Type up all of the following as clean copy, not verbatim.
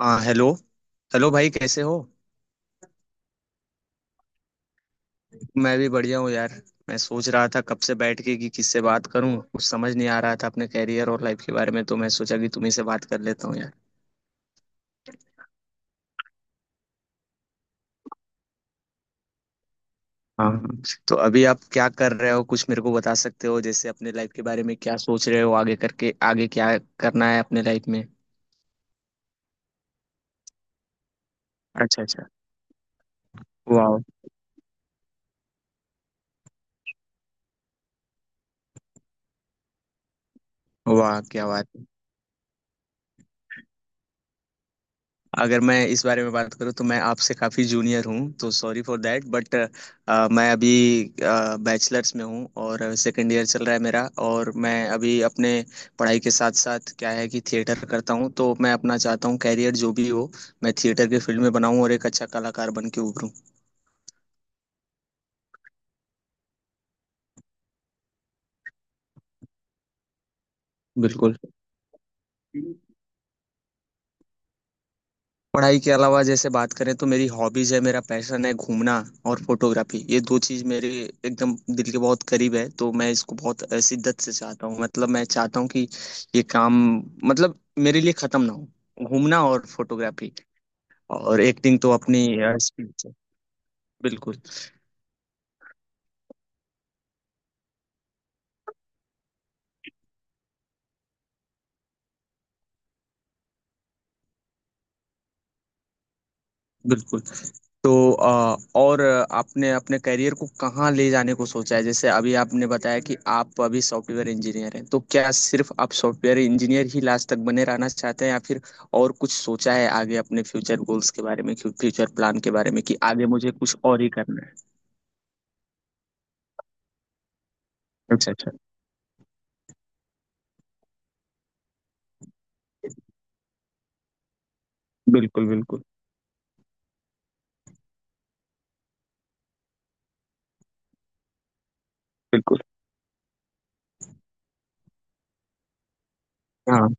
हाँ, hello. Hello भाई, कैसे हो। मैं भी बढ़िया हूँ यार। मैं सोच रहा था कब से बैठ के कि किससे बात करूँ, कुछ समझ नहीं आ रहा था अपने कैरियर और लाइफ के बारे में, तो मैं सोचा कि तुम्ही से बात कर लेता हूँ यार। हाँ हाँ। तो अभी आप क्या कर रहे हो, कुछ मेरे को बता सकते हो जैसे अपने लाइफ के बारे में क्या सोच रहे हो, आगे करके आगे क्या करना है अपने लाइफ में। अच्छा अच्छा। वाह। वाह क्या बात। अगर मैं इस बारे में बात करूँ तो मैं आपसे काफ़ी जूनियर हूँ, तो सॉरी फॉर दैट, बट मैं अभी बैचलर्स में हूँ और सेकेंड ईयर चल रहा है मेरा। और मैं अभी अपने पढ़ाई के साथ साथ क्या है कि थिएटर करता हूँ, तो मैं अपना चाहता हूँ कैरियर जो भी हो मैं थिएटर के फील्ड में बनाऊँ और एक अच्छा कलाकार बन के उभरूँ। बिल्कुल। पढ़ाई के अलावा जैसे बात करें तो मेरी हॉबीज है, मेरा पैशन है घूमना और फोटोग्राफी, ये दो चीज मेरे एकदम दिल के बहुत करीब है। तो मैं इसको बहुत शिद्दत से चाहता हूँ, मतलब मैं चाहता हूँ कि ये काम, मतलब मेरे लिए खत्म ना हो घूमना और फोटोग्राफी। और एक्टिंग तो अपनी speech है। बिल्कुल बिल्कुल। तो और आपने अपने करियर को कहाँ ले जाने को सोचा है, जैसे अभी आपने बताया कि आप अभी सॉफ्टवेयर इंजीनियर हैं, तो क्या सिर्फ आप सॉफ्टवेयर इंजीनियर ही लास्ट तक बने रहना चाहते हैं, या फिर और कुछ सोचा है आगे अपने फ्यूचर गोल्स के बारे में, फ्यूचर प्लान के बारे में कि आगे मुझे कुछ और ही करना है। अच्छा अच्छा। बिल्कुल बिल्कुल। बिल्कुल। हाँ।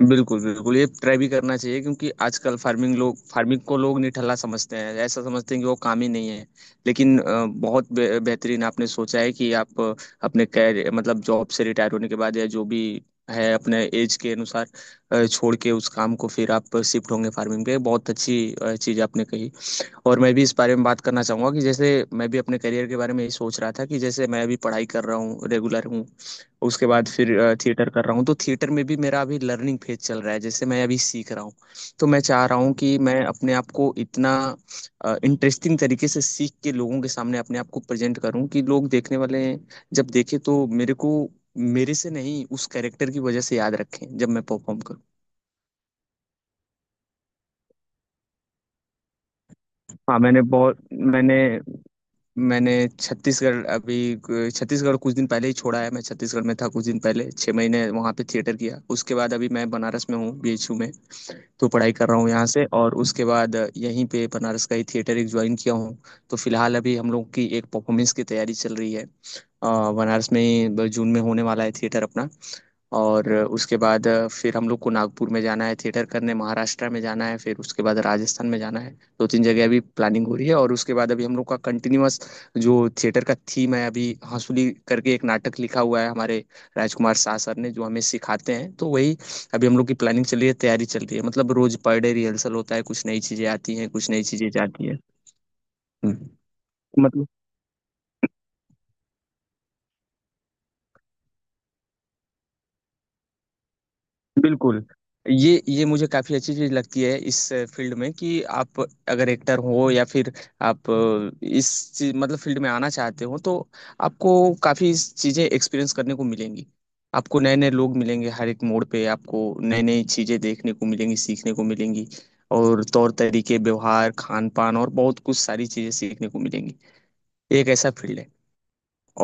बिल्कुल, बिल्कुल, ये ट्राई भी करना चाहिए, क्योंकि आजकल फार्मिंग लोग, फार्मिंग को लोग निठल्ला समझते हैं, ऐसा समझते हैं कि वो काम ही नहीं है। लेकिन बहुत बे बेहतरीन आपने सोचा है कि आप अपने कैर मतलब जॉब से रिटायर होने के बाद, या जो भी है अपने एज के अनुसार छोड़ के उस काम को फिर आप शिफ्ट होंगे फार्मिंग पे। बहुत अच्छी चीज़ आपने कही। और मैं भी इस बारे में बात करना चाहूँगा कि जैसे मैं भी अपने करियर के बारे में यही सोच रहा था कि जैसे मैं अभी पढ़ाई कर रहा हूँ, रेगुलर हूँ। उसके बाद फिर थिएटर कर रहा हूँ, तो थिएटर में भी मेरा अभी लर्निंग फेज चल रहा है, जैसे मैं अभी सीख रहा हूँ। तो मैं चाह रहा हूँ कि मैं अपने आप को इतना इंटरेस्टिंग तरीके से सीख के लोगों के सामने अपने आप को प्रेजेंट करूँ कि लोग देखने वाले जब देखें तो मेरे को, मेरे से नहीं उस कैरेक्टर की वजह से याद रखें, जब मैं परफॉर्म करूँ। हाँ, मैंने बहुत मैंने मैंने छत्तीसगढ़, अभी छत्तीसगढ़ कुछ दिन पहले ही छोड़ा है, मैं छत्तीसगढ़ में था। कुछ दिन पहले, 6 महीने वहाँ पे थिएटर किया। उसके बाद अभी मैं बनारस में हूँ, बीएचयू में। तो पढ़ाई कर रहा हूँ यहाँ से, और उसके बाद यहीं पे बनारस का ही थिएटर एक ज्वाइन किया हूँ। तो फिलहाल अभी हम लोग की एक परफॉर्मेंस की तैयारी चल रही है, बनारस में ही जून में होने वाला है थिएटर अपना। और उसके बाद फिर हम लोग को नागपुर में जाना है थिएटर करने, महाराष्ट्र में जाना है, फिर उसके बाद राजस्थान में जाना है। दो तीन जगह अभी प्लानिंग हो रही है। और उसके बाद अभी हम लोग का कंटिन्यूअस जो थिएटर का थीम है, अभी हंसुली करके एक नाटक लिखा हुआ है हमारे राजकुमार शाह सर ने जो हमें सिखाते हैं, तो वही अभी हम लोग की प्लानिंग चल रही है, तैयारी चल रही है। मतलब रोज पर डे रिहर्सल होता है, कुछ नई चीजें आती हैं, कुछ नई चीजें जाती है। हम्म। मतलब बिल्कुल, ये मुझे काफी अच्छी चीज लगती है इस फील्ड में कि आप अगर एक्टर हो, या फिर आप इस चीज, मतलब फील्ड में आना चाहते हो, तो आपको काफी चीजें एक्सपीरियंस करने को मिलेंगी। आपको नए नए लोग मिलेंगे, हर एक मोड़ पे आपको नई नई चीजें देखने को मिलेंगी, सीखने को मिलेंगी। और तौर तरीके, व्यवहार, खान पान, और बहुत कुछ सारी चीजें सीखने को मिलेंगी। एक ऐसा फील्ड है,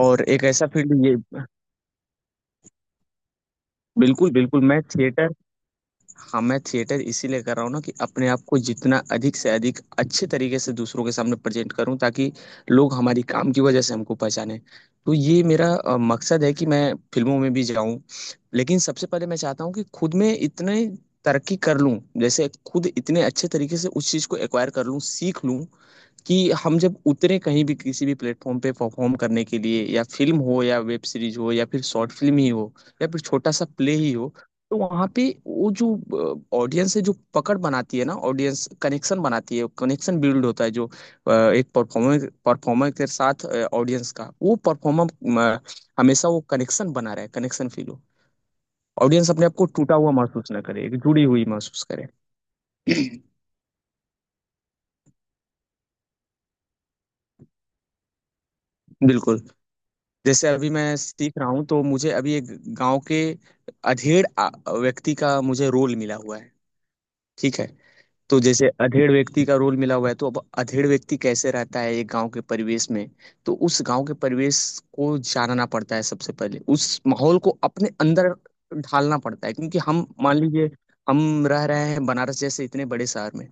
और एक ऐसा फील्ड ये। बिल्कुल बिल्कुल, मैं थिएटर, हाँ मैं थिएटर इसीलिए कर रहा हूँ ना कि अपने आप को जितना अधिक से अधिक अच्छे तरीके से दूसरों के सामने प्रेजेंट करूँ ताकि लोग हमारी काम की वजह से हमको पहचाने। तो ये मेरा मकसद है कि मैं फिल्मों में भी जाऊँ। लेकिन सबसे पहले मैं चाहता हूँ कि खुद में इतने तरक्की कर लूँ, जैसे खुद इतने अच्छे तरीके से उस चीज़ को एक्वायर कर लूँ, सीख लूँ, कि हम जब उतरे कहीं भी किसी भी प्लेटफॉर्म पे परफॉर्म करने के लिए, या फिल्म हो, या वेब सीरीज हो, या फिर शॉर्ट फिल्म ही हो, या फिर छोटा सा प्ले ही हो, तो वहाँ पे वो जो ऑडियंस है जो पकड़ बनाती है ना, ऑडियंस कनेक्शन बनाती है, कनेक्शन बिल्ड होता है जो एक परफॉर्मर, परफॉर्मर के साथ ऑडियंस का, वो परफॉर्मर हमेशा वो कनेक्शन बना रहे, कनेक्शन फील हो, ऑडियंस अपने आप को टूटा हुआ महसूस ना करे, एक जुड़ी हुई महसूस करे। बिल्कुल। जैसे अभी मैं सीख रहा हूँ, तो मुझे अभी एक गांव के अधेड़ व्यक्ति का मुझे रोल मिला हुआ है। ठीक है। तो जैसे अधेड़ व्यक्ति का रोल मिला हुआ है, तो अब अधेड़ व्यक्ति कैसे रहता है एक गांव के परिवेश में। तो उस गांव के परिवेश को जानना पड़ता है, सबसे पहले उस माहौल को अपने अंदर ढालना पड़ता है, क्योंकि हम मान लीजिए हम रह रहे हैं बनारस जैसे इतने बड़े शहर में।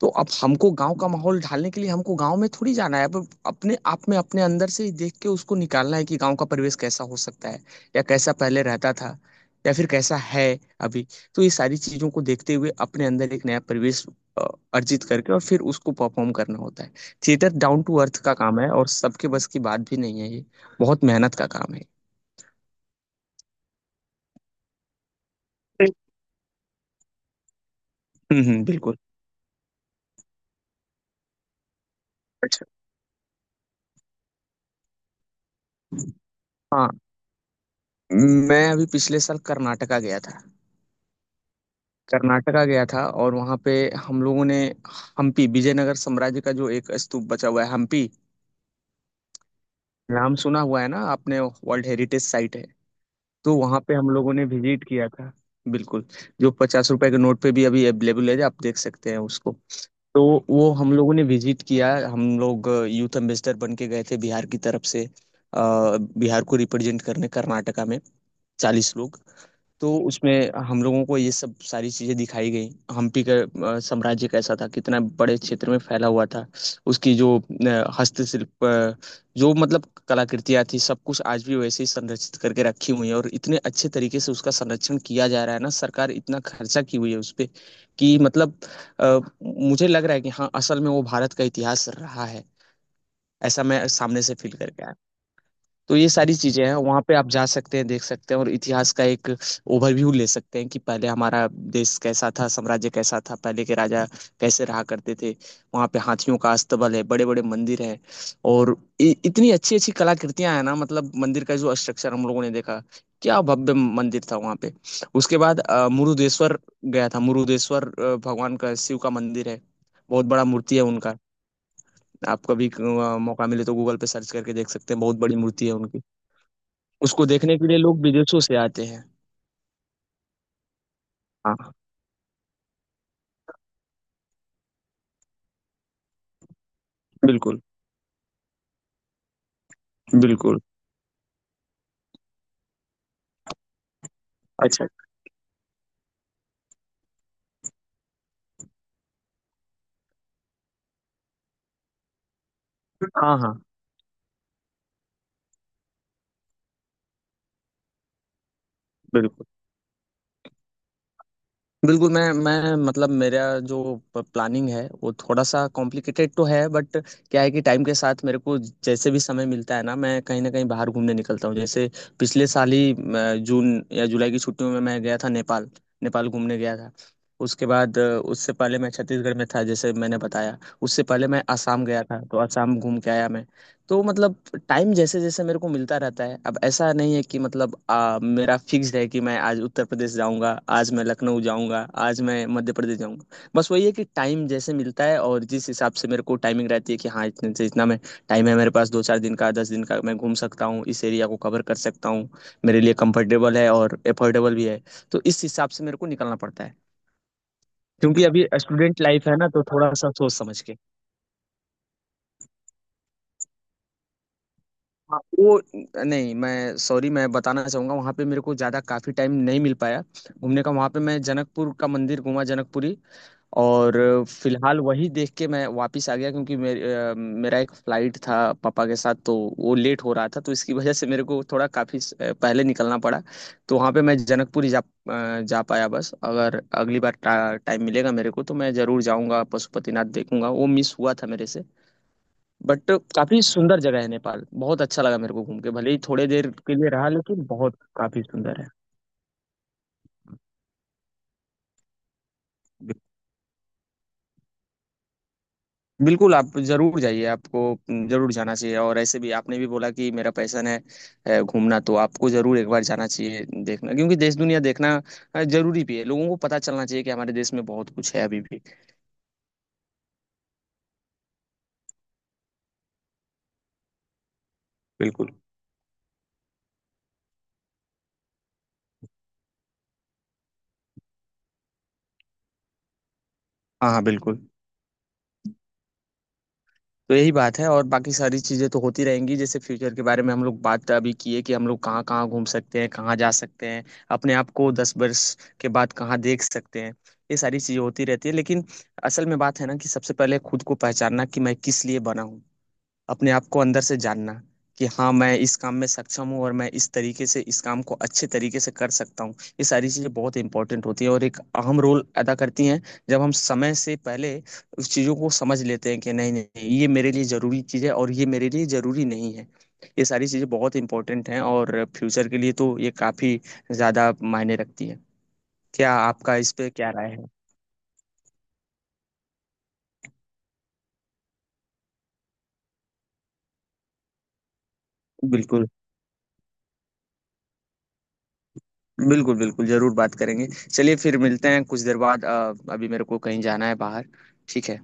तो अब हमको गांव का माहौल ढालने के लिए हमको गांव में थोड़ी जाना है, अब अपने आप में अपने अंदर से ही देख के उसको निकालना है कि गांव का परिवेश कैसा हो सकता है, या कैसा पहले रहता था, या फिर कैसा है अभी। तो ये सारी चीजों को देखते हुए अपने अंदर एक नया परिवेश अ, अर्जित करके और फिर उसको परफॉर्म करना होता है। थिएटर डाउन टू अर्थ का काम है, और सबके बस की बात भी नहीं है ये। बहुत मेहनत का काम है। बिल्कुल। अच्छा। हाँ, मैं अभी पिछले साल कर्नाटका गया था। कर्नाटका गया था, और वहाँ पे हम लोगों ने हम्पी, विजयनगर साम्राज्य का जो एक स्तूप बचा हुआ है, हम्पी नाम सुना हुआ है ना आपने, वर्ल्ड हेरिटेज साइट है, तो वहाँ पे हम लोगों ने विजिट किया था। बिल्कुल, जो 50 रुपए के नोट पे भी अभी अवेलेबल है, आप देख सकते हैं उसको। तो वो हम लोगों ने विजिट किया, हम लोग यूथ एम्बेसडर बन के गए थे बिहार की तरफ से, बिहार को रिप्रेजेंट करने कर्नाटका में, 40 लोग। तो उसमें हम लोगों को ये सब सारी चीजें दिखाई गई। हम्पी का साम्राज्य कैसा था, कितना बड़े क्षेत्र में फैला हुआ था, उसकी जो हस्तशिल्प, जो मतलब कलाकृतियां थी, सब कुछ आज भी वैसे ही संरक्षित करके रखी हुई है, और इतने अच्छे तरीके से उसका संरक्षण किया जा रहा है ना, सरकार इतना खर्चा की हुई है उस पे, कि मतलब अ, मुझे लग रहा है कि हाँ, असल में वो भारत का इतिहास रहा है, ऐसा मैं सामने से फील करके। तो ये सारी चीजें हैं, वहां पे आप जा सकते हैं, देख सकते हैं, और इतिहास का एक ओवरव्यू ले सकते हैं कि पहले हमारा देश कैसा था, साम्राज्य कैसा था, पहले के राजा कैसे रहा करते थे। वहां पे हाथियों का अस्तबल है, बड़े बड़े मंदिर हैं, और इतनी अच्छी अच्छी कलाकृतियां हैं ना, मतलब मंदिर का जो स्ट्रक्चर हम लोगों ने देखा, क्या भव्य मंदिर था वहां पे। उसके बाद मुरुदेश्वर गया था, मुरुदेश्वर भगवान का, शिव का मंदिर है, बहुत बड़ा मूर्ति है उनका। आप कभी मौका मिले तो गूगल पे सर्च करके देख सकते हैं, बहुत बड़ी मूर्ति है उनकी, उसको देखने के लिए लोग विदेशों से आते हैं। हाँ। बिल्कुल बिल्कुल। अच्छा। हाँ हाँ बिल्कुल बिल्कुल, मैं मतलब मेरा जो प्लानिंग है वो थोड़ा सा कॉम्प्लिकेटेड तो है, बट क्या है कि टाइम के साथ मेरे को जैसे भी समय मिलता है ना, मैं कहीं ना कहीं बाहर घूमने निकलता हूँ। जैसे पिछले साल ही जून या जुलाई की छुट्टियों में मैं गया था नेपाल, नेपाल घूमने गया था। उसके बाद उससे पहले मैं छत्तीसगढ़ में था, जैसे मैंने बताया। उससे पहले मैं आसाम गया था, तो आसाम घूम के आया मैं। तो मतलब टाइम जैसे जैसे मेरे को मिलता रहता है, अब ऐसा नहीं है कि मतलब मेरा फिक्स्ड है कि मैं आज उत्तर प्रदेश जाऊंगा, आज मैं लखनऊ जाऊंगा, आज मैं मध्य प्रदेश जाऊंगा। बस वही है कि टाइम जैसे मिलता है, और जिस हिसाब से मेरे को टाइमिंग रहती है कि हाँ इतने से इतना मैं टाइम है मेरे पास, दो चार दिन का, 10 दिन का, मैं घूम सकता हूँ, इस एरिया को कवर कर सकता हूँ, मेरे लिए कंफर्टेबल है और एफोर्डेबल भी है, तो इस हिसाब से मेरे को निकलना पड़ता है, क्योंकि अभी स्टूडेंट लाइफ है ना, तो थोड़ा सा सोच समझ के। हाँ, वो, नहीं मैं सॉरी, मैं बताना चाहूंगा वहाँ पे मेरे को ज्यादा काफी टाइम नहीं मिल पाया घूमने का। वहाँ पे मैं जनकपुर का मंदिर घूमा, जनकपुरी, और फिलहाल वही देख के मैं वापस आ गया, क्योंकि मेरे मेरा एक फ्लाइट था पापा के साथ, तो वो लेट हो रहा था, तो इसकी वजह से मेरे को थोड़ा काफी पहले निकलना पड़ा। तो वहाँ पे मैं जनकपुरी जा पाया बस। अगर अगली बार टाइम मिलेगा मेरे को तो मैं जरूर जाऊंगा, पशुपतिनाथ देखूंगा, वो मिस हुआ था मेरे से। बट काफी सुंदर जगह है नेपाल, बहुत अच्छा लगा मेरे को घूम के, भले ही थोड़े देर के लिए रहा लेकिन बहुत काफी सुंदर है। बिल- बिल्कुल, आप जरूर जाइए, आपको जरूर जाना चाहिए। और ऐसे भी आपने भी बोला कि मेरा पैशन है घूमना, तो आपको जरूर एक बार जाना चाहिए, देखना, क्योंकि देश दुनिया देखना जरूरी भी है, लोगों को पता चलना चाहिए कि हमारे देश में बहुत कुछ है अभी भी। बिल्कुल। हाँ हाँ बिल्कुल। तो यही बात है, और बाकी सारी चीज़ें तो होती रहेंगी, जैसे फ्यूचर के बारे में हम लोग बात अभी किए कि हम लोग कहाँ कहाँ घूम सकते हैं, कहाँ जा सकते हैं, अपने आप को 10 वर्ष के बाद कहाँ देख सकते हैं। ये सारी चीज़ें होती रहती है, लेकिन असल में बात है ना कि सबसे पहले खुद को पहचानना कि मैं किस लिए बना हूँ, अपने आप को अंदर से जानना, कि हाँ मैं इस काम में सक्षम हूँ, और मैं इस तरीके से इस काम को अच्छे तरीके से कर सकता हूँ। ये सारी चीज़ें बहुत इंपॉर्टेंट होती है, और एक अहम रोल अदा करती हैं। जब हम समय से पहले उस चीज़ों को समझ लेते हैं कि नहीं नहीं, ये मेरे लिए ज़रूरी चीज़ है और ये मेरे लिए ज़रूरी नहीं है। ये सारी चीज़ें बहुत इंपॉर्टेंट हैं, और फ्यूचर के लिए तो ये काफ़ी ज़्यादा मायने रखती है। क्या आपका इस पे क्या राय है। बिल्कुल, बिल्कुल बिल्कुल जरूर बात करेंगे। चलिए फिर मिलते हैं कुछ देर बाद, अभी मेरे को कहीं जाना है बाहर। ठीक है।